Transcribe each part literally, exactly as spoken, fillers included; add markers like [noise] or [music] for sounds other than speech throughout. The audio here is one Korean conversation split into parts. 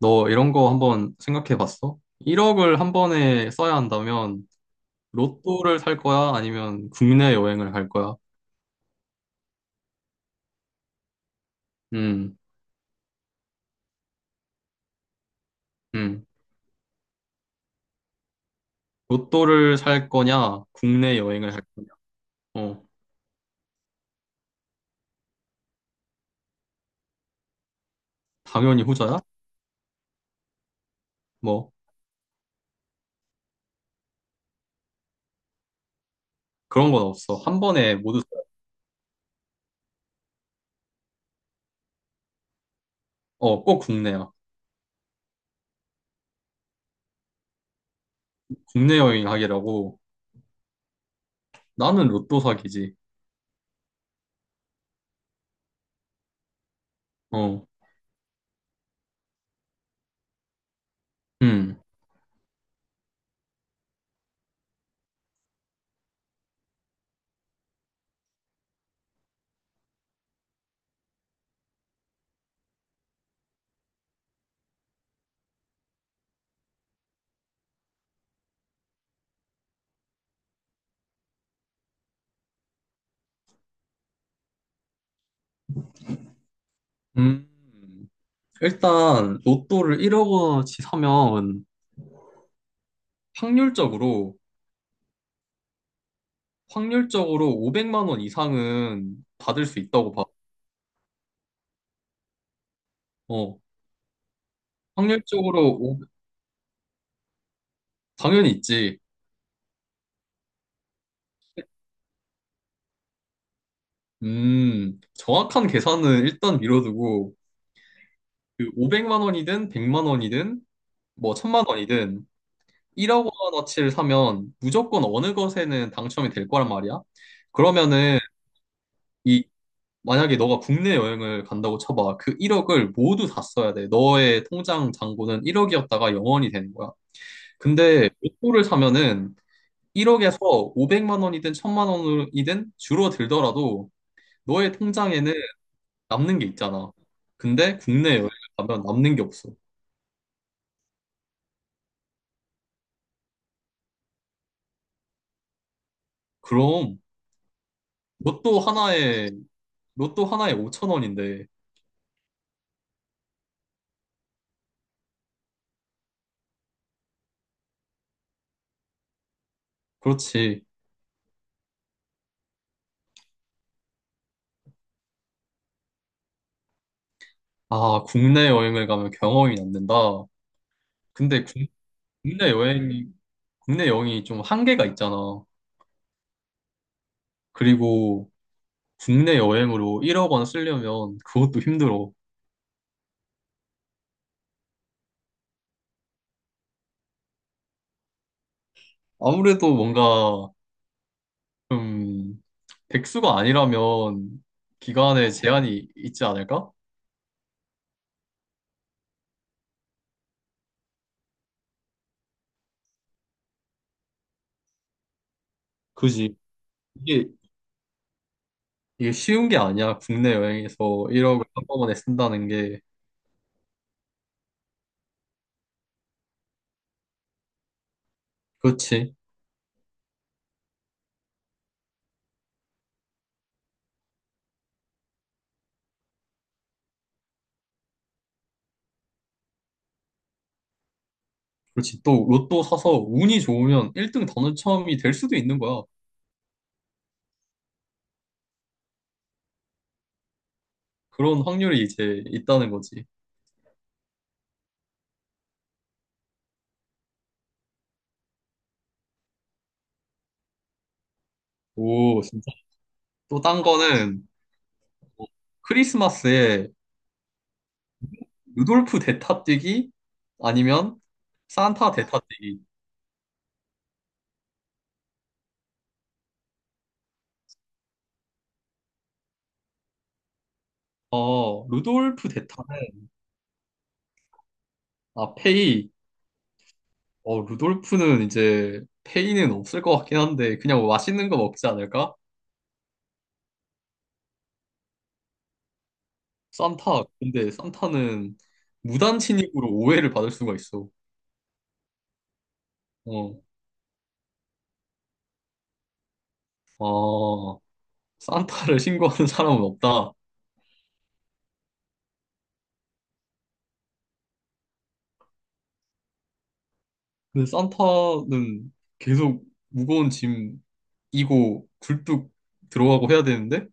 너 이런 거 한번 생각해 봤어? 일억을 한 번에 써야 한다면 로또를 살 거야? 아니면 국내 여행을 갈 거야? 음, 음. 로또를 살 거냐? 국내 여행을 할 거냐? 어, 당연히 후자야? 뭐, 그런 건 없어. 한 번에 모두, 써야- 어, 꼭 국내야. 국내 여행 하기라고. 나는 로또 사기지. 어, 음, 음. 일단, 로또를 일억어치 사면 확률적으로 확률적으로 오백만 원 이상은 받을 수 있다고 봐. 어, 확률적으로 오- 당연히 있지. 음, 정확한 계산은 일단 미뤄두고 그 오백만 원이든 백만 원이든 뭐 천만 원이든 일억 원어치를 사면 무조건 어느 것에는 당첨이 될 거란 말이야. 그러면은 이 만약에 너가 국내 여행을 간다고 쳐봐. 그 일억을 모두 다 써야 돼. 너의 통장 잔고는 일억이었다가 영 원이 되는 거야. 근데 로또를 사면은 일억에서 오백만 원이든 천만 원이든 줄어들더라도 너의 통장에는 남는 게 있잖아. 근데 국내 여행을 가면 남는 게 없어. 그럼 로또 하나에 로또 하나에 오천 원인데 그렇지. 아, 국내 여행을 가면 경험이 남는다. 근데 국, 국내 여행이 국내 여행이 좀 한계가 있잖아. 그리고 국내 여행으로 일억 원 쓰려면 그것도 힘들어. 아무래도 뭔가 음, 백수가 아니라면 기간에 제한이 있지 않을까? 그지. 이게, 이게 쉬운 게 아니야. 국내 여행에서 일억을 한꺼번에 쓴다는 게. 그렇지. 그렇지. 또 로또 사서 운이 좋으면 일 등 당첨이 될 수도 있는 거야. 그런 확률이 이제 있다는 거지. 오, 진짜. 또 딴 거는 뭐 크리스마스에 루돌프 대타 뛰기 아니면 산타 대타 뛰기. 어, 루돌프 대타는 아, 페이 어, 루돌프는 이제 페이는 없을 것 같긴 한데 그냥 뭐 맛있는 거 먹지 않을까? 산타. 근데 산타는 무단 침입으로 오해를 받을 수가 있어. 어. 아, 산타를 신고하는 사람은 없다. 근데 산타는 계속 무거운 짐 이고 굴뚝 들어가고 해야 되는데?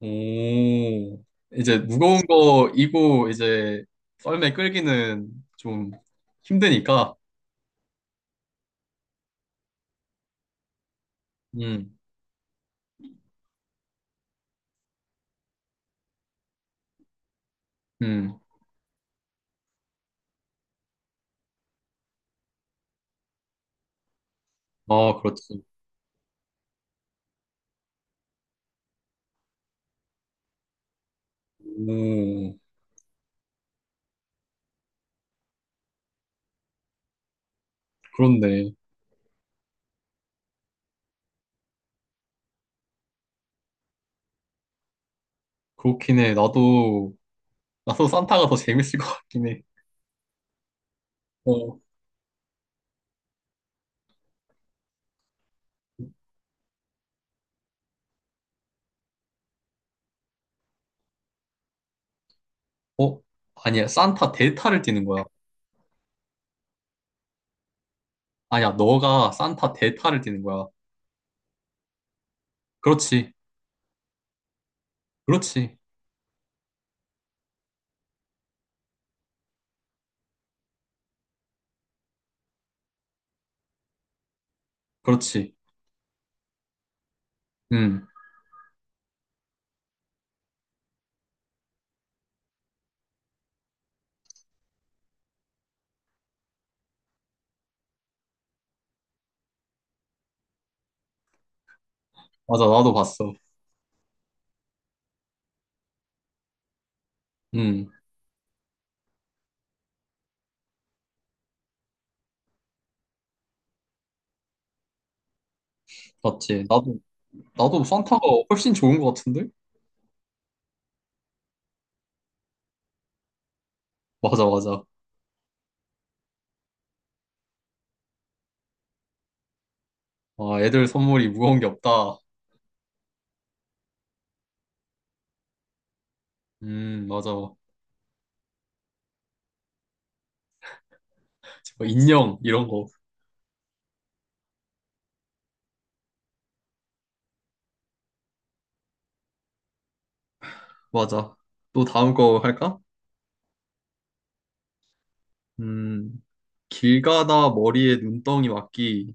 오. 이제 무거운 거 이고 이제 썰매 끌기는 좀 힘드니까. 음. 음. 아, 그렇지. 음, 그렇네. 그렇긴 해. 나도, 나도 산타가 더 재밌을 것 같긴 해. 어, 어? 아니야. 산타 대타를 뛰는 거야. 아니야. 너가 산타 대타를 뛰는 거야. 그렇지. 그렇지. 그렇지. 음, 맞아. 나도 봤어. 음, 맞지. 나도, 나도 산타가 훨씬 좋은 것 같은데? 맞아, 맞아. 아, 애들 선물이 무거운 게 없다. 음, 맞아. 뭐 인형, 이런 거. 맞아. 또 다음 거 할까? 음. 길 가다 머리에 눈덩이 맞기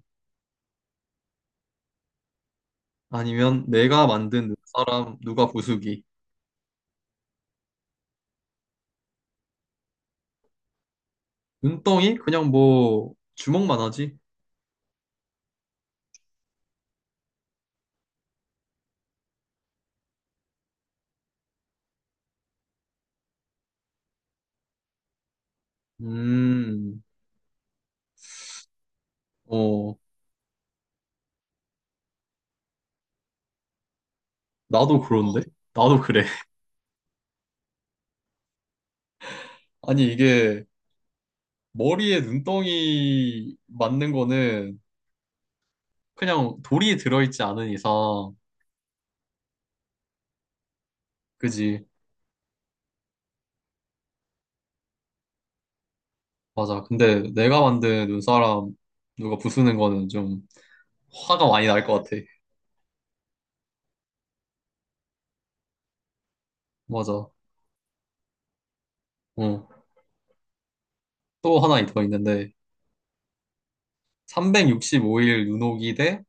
아니면 내가 만든 눈사람 누가 부수기. 눈덩이 그냥 뭐 주먹만 하지. 음. 어. 나도 그런데. 나도 그래. [laughs] 아니 이게 머리에 눈덩이 맞는 거는 그냥 돌이 들어있지 않은 이상. 그지. 맞아. 근데 내가 만든 눈사람 누가 부수는 거는 좀 화가 많이 날 것 같아. 맞아. 어또 하나 더 있는데 삼백육십오 일 눈 오기 대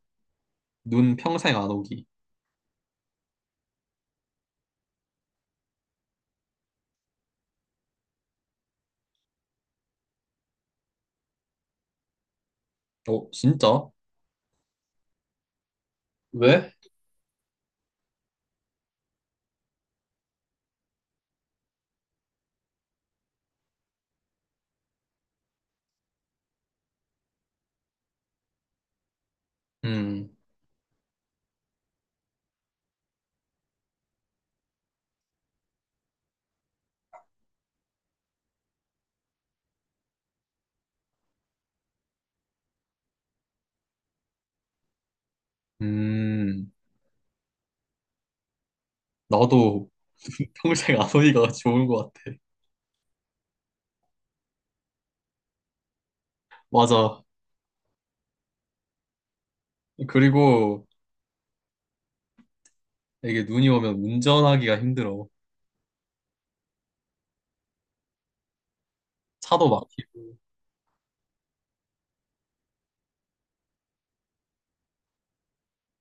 눈 평생 안 오기. 어, 진짜? 왜? 음, 음, 나도 [laughs] 평생 안 오기가 좋은 것 같아. 맞아. 그리고 이게 눈이 오면 운전하기가 힘들어. 차도 막히고.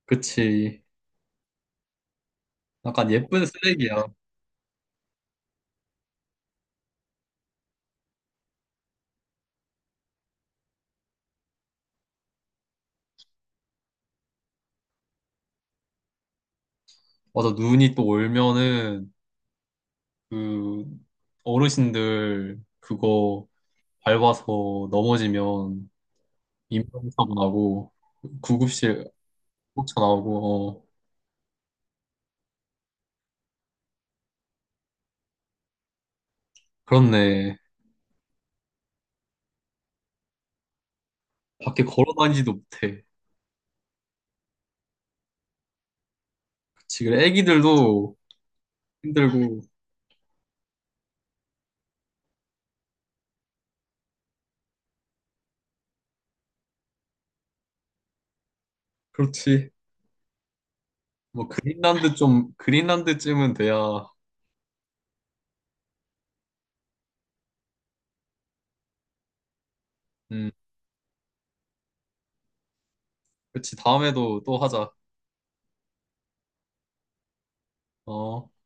그치. 약간 예쁜 쓰레기야. 맞아. 눈이 또 올면은 그 어르신들 그거 밟아서 넘어지면 인명사고 나고 구급실 쫓아나오고, 어. 그렇네. 밖에 걸어다니지도 못해. 그치. 그래, 애기들도 힘들고. 그렇지. 뭐, 그린란드 좀, 그린란드쯤은 돼야. 음, 그렇지. 다음에도 또 하자. 어.